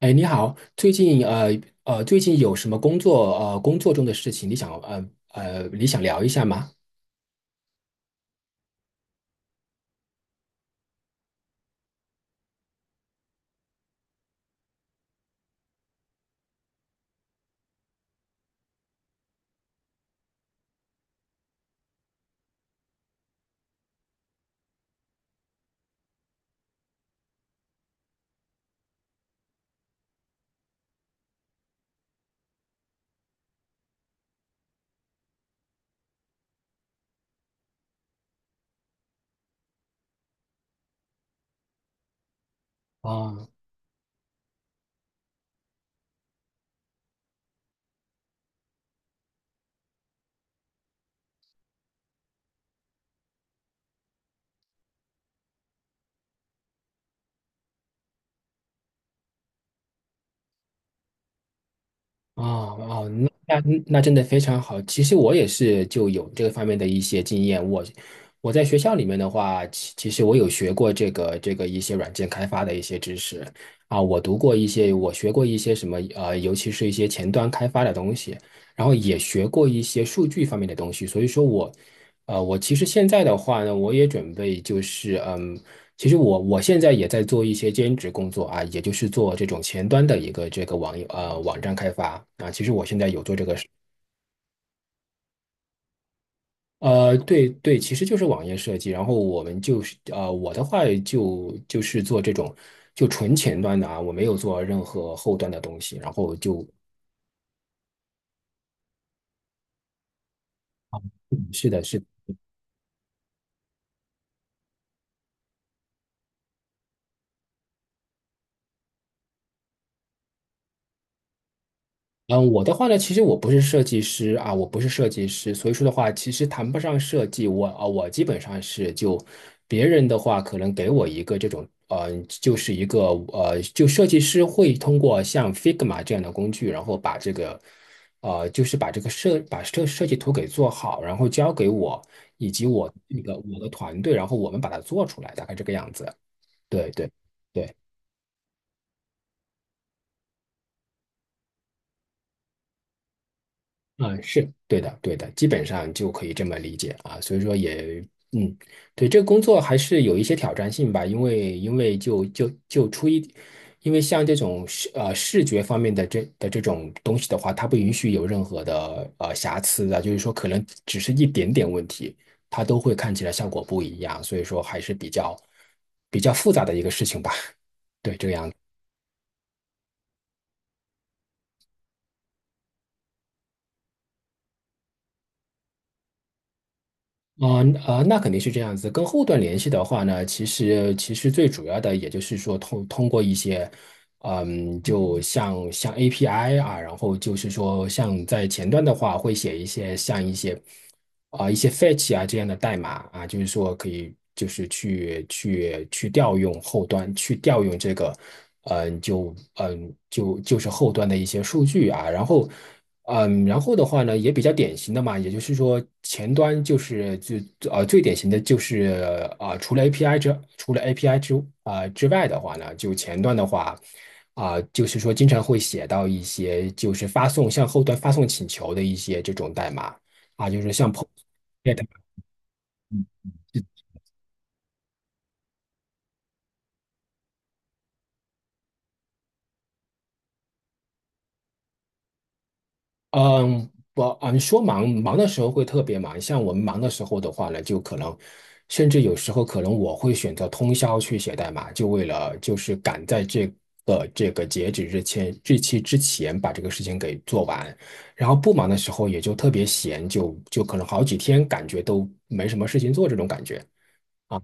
哎，你好，最近最近有什么工作中的事情，你想你想聊一下吗？啊，哦哦，那真的非常好。其实我也是就有这个方面的一些经验。我在学校里面的话，其实我有学过这个一些软件开发的一些知识啊，我读过一些，我学过一些什么，尤其是一些前端开发的东西，然后也学过一些数据方面的东西。所以说我其实现在的话呢，我也准备就是。其实我现在也在做一些兼职工作啊，也就是做这种前端的一个这个网站开发啊。其实我现在有做这个事。对对，其实就是网页设计。然后我们就是我的话就是做这种就纯前端的啊，我没有做任何后端的东西。然后就是是。的嗯，我的话呢，其实我不是设计师啊，我不是设计师，所以说的话，其实谈不上设计。我基本上是就别人的话，可能给我一个这种，就是一个就设计师会通过像 Figma 这样的工具，然后把这个，就是把这个设把设设计图给做好，然后交给我以及我那个我的团队，然后我们把它做出来，大概这个样子。对对对。啊，是对的，对的，基本上就可以这么理解啊。所以说也，嗯，对，这个工作还是有一些挑战性吧，因为因为就就就出一，因为像这种视觉方面的这种东西的话，它不允许有任何的瑕疵的，就是说可能只是一点点问题，它都会看起来效果不一样，所以说还是比较复杂的一个事情吧。对，这个样子。啊啊，那肯定是这样子。跟后端联系的话呢，其实最主要的也就是说通过一些，就像 API 啊，然后就是说像在前端的话，会写一些像一些啊、一些 fetch 啊这样的代码啊，就是说可以就是去调用后端，去调用这个，嗯、就嗯、就就是后端的一些数据啊，然后。嗯，然后的话呢，也比较典型的嘛，也就是说，前端就是最典型的就是啊、除了 API 之除了 API 之外的话呢，就前端的话就是说经常会写到一些就是发送向后端发送请求的一些这种代码啊，就是像 POST。 嗯，你说忙忙的时候会特别忙，像我们忙的时候的话呢，就可能，甚至有时候可能我会选择通宵去写代码，就为了就是赶在这个截止日期之前把这个事情给做完。然后不忙的时候也就特别闲，就可能好几天感觉都没什么事情做这种感觉啊。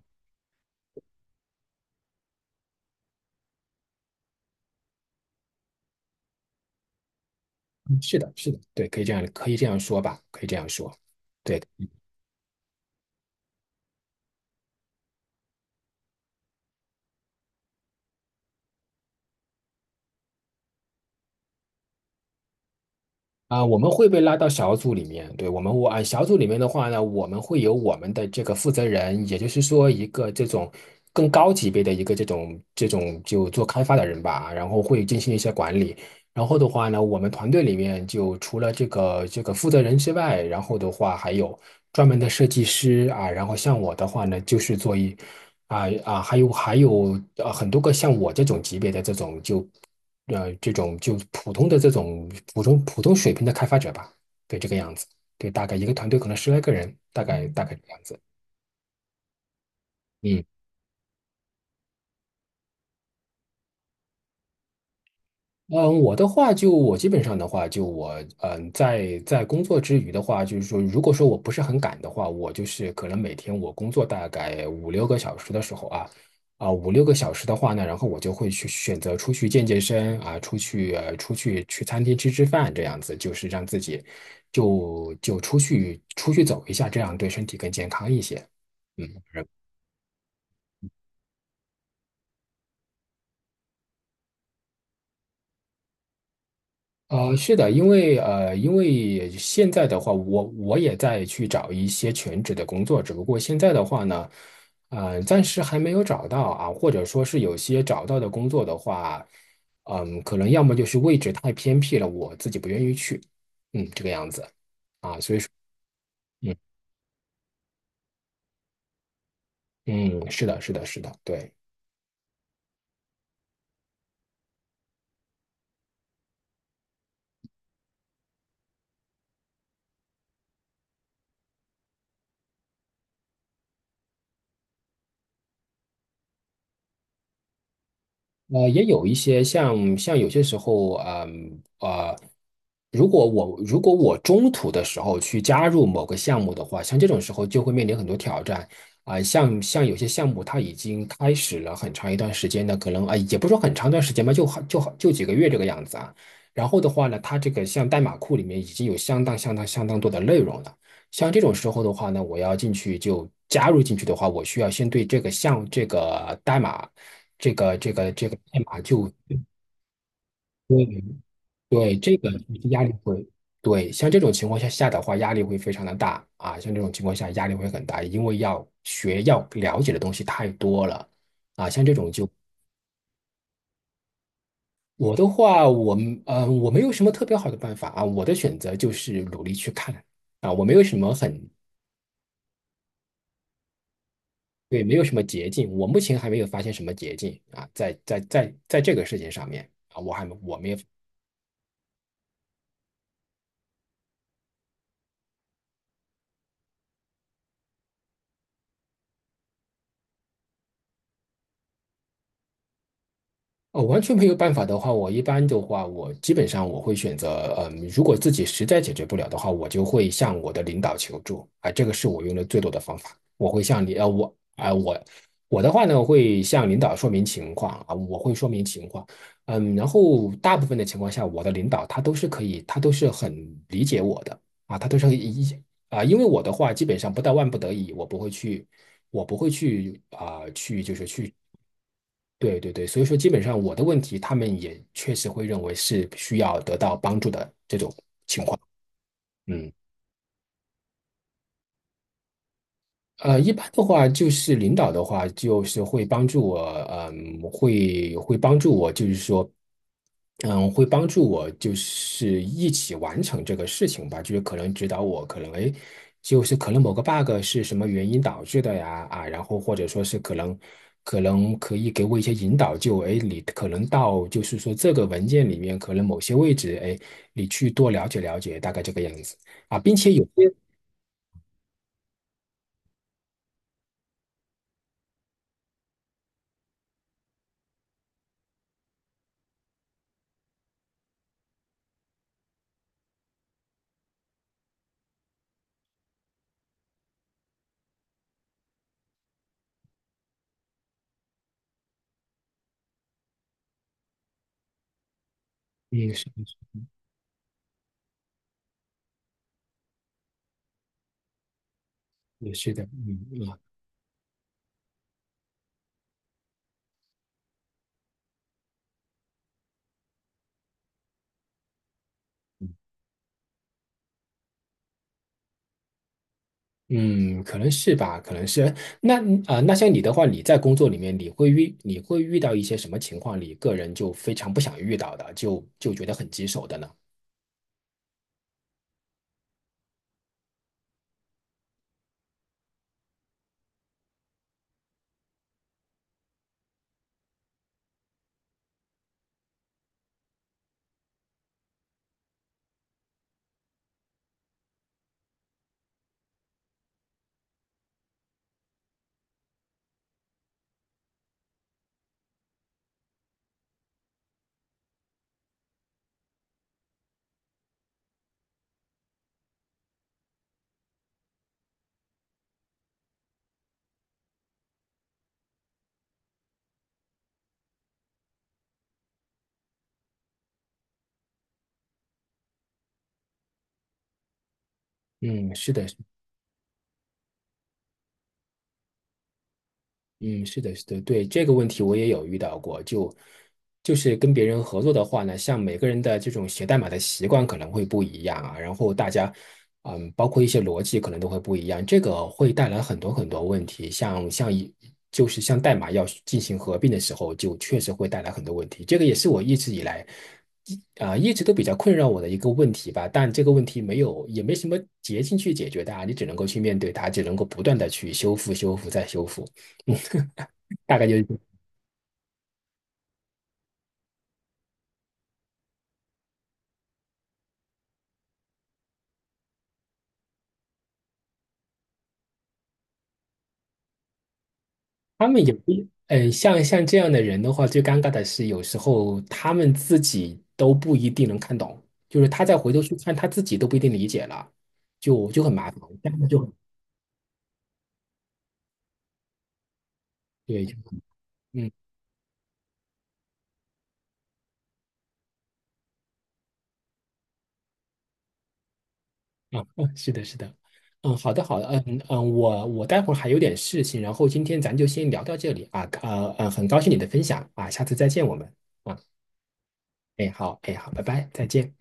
嗯，是的，是的，对，可以这样说吧，可以这样说。对。啊，我们会被拉到小组里面，对，我们我啊，小组里面的话呢，我们会有我们的这个负责人，也就是说一个这种更高级别的一个这种就做开发的人吧，然后会进行一些管理。然后的话呢，我们团队里面就除了这个负责人之外，然后的话还有专门的设计师啊，然后像我的话呢，就是做一啊啊，还有很多个像我这种级别的这种就普通的这种普通水平的开发者吧，对这个样子，对，大概一个团队可能十来个人，大概这个样子。嗯。嗯，我的话就我基本上的话，就我嗯，在工作之余的话，就是说，如果说我不是很赶的话，我就是可能每天我工作大概五六个小时的时候啊，啊五六个小时的话呢，然后我就会去选择出去健身啊，出去去餐厅吃吃饭这样子，就是让自己就出去走一下，这样对身体更健康一些。嗯，是的，因为因为现在的话，我也在去找一些全职的工作，只不过现在的话呢，暂时还没有找到啊，或者说是有些找到的工作的话，可能要么就是位置太偏僻了，我自己不愿意去，这个样子，嗯嗯，是的，是的，是的，对。也有一些像有些时候，如果我中途的时候去加入某个项目的话，像这种时候就会面临很多挑战啊、像有些项目它已经开始了很长一段时间的，可能也不是说很长一段时间吧，就几个月这个样子啊。然后的话呢，它这个像代码库里面已经有相当多的内容了。像这种时候的话呢，我要进去就加入进去的话，我需要先对这个项这个代码，这个这个这个代码就对对这个压力会对，像这种情况下的话，压力会非常的大啊，像这种情况下压力会很大，因为要了解的东西太多了啊，像这种就我的话，我没有什么特别好的办法啊，我的选择就是努力去看啊，我没有什么很对，没有什么捷径，我目前还没有发现什么捷径啊，在这个事情上面啊，我还没我没有哦，完全没有办法的话，我一般的话，我基本上我会选择，如果自己实在解决不了的话，我就会向我的领导求助啊，这个是我用的最多的方法。我会向你，呃，我啊、我我的话呢，会向领导说明情况啊，我会说明情况，嗯，然后大部分的情况下，我的领导他都是可以，他都是很理解我的啊，他都是一啊，因为我的话基本上不到万不得已，我不会去，我不会去啊、去就是去对对对，所以说基本上我的问题，他们也确实会认为是需要得到帮助的这种，嗯。一般的话，就是领导的话，就是会帮助我，会帮助我，就是说，会帮助我，就是一起完成这个事情吧，就是可能指导我，可能哎，诶就是可能某个 bug 是什么原因导致的呀，啊，然后或者说是可能可以给我一些引导，就哎，诶你可能到就是说这个文件里面可能某些位置，哎，你去多了解了解，大概这个样子啊，并且有些，嗯，是也是的，嗯啊。嗯，可能是吧，可能是。那像你的话，你在工作里面，你会遇到一些什么情况，你个人就非常不想遇到的，就觉得很棘手的呢？嗯，是的，嗯，是的，是的，对，这个问题我也有遇到过，就是跟别人合作的话呢，像每个人的这种写代码的习惯可能会不一样啊，然后大家，包括一些逻辑可能都会不一样，这个会带来很多很多问题，像像一就是像代码要进行合并的时候，就确实会带来很多问题，这个也是我一直以来一直都比较困扰我的一个问题吧，但这个问题没有也没什么捷径去解决它，你只能够去面对它，只能够不断的去修复、修复再修复。大概就是这样他们有一，嗯，像这样的人的话，最尴尬的是有时候他们自己都不一定能看懂，就是他再回头去看，他自己都不一定理解了，就很麻烦，这样就很对，嗯啊，是的，是的，嗯，好的，好的，嗯嗯，我待会儿还有点事情，然后今天咱就先聊到这里啊，很高兴你的分享啊，下次再见我们啊，哎好，哎好，拜拜，再见。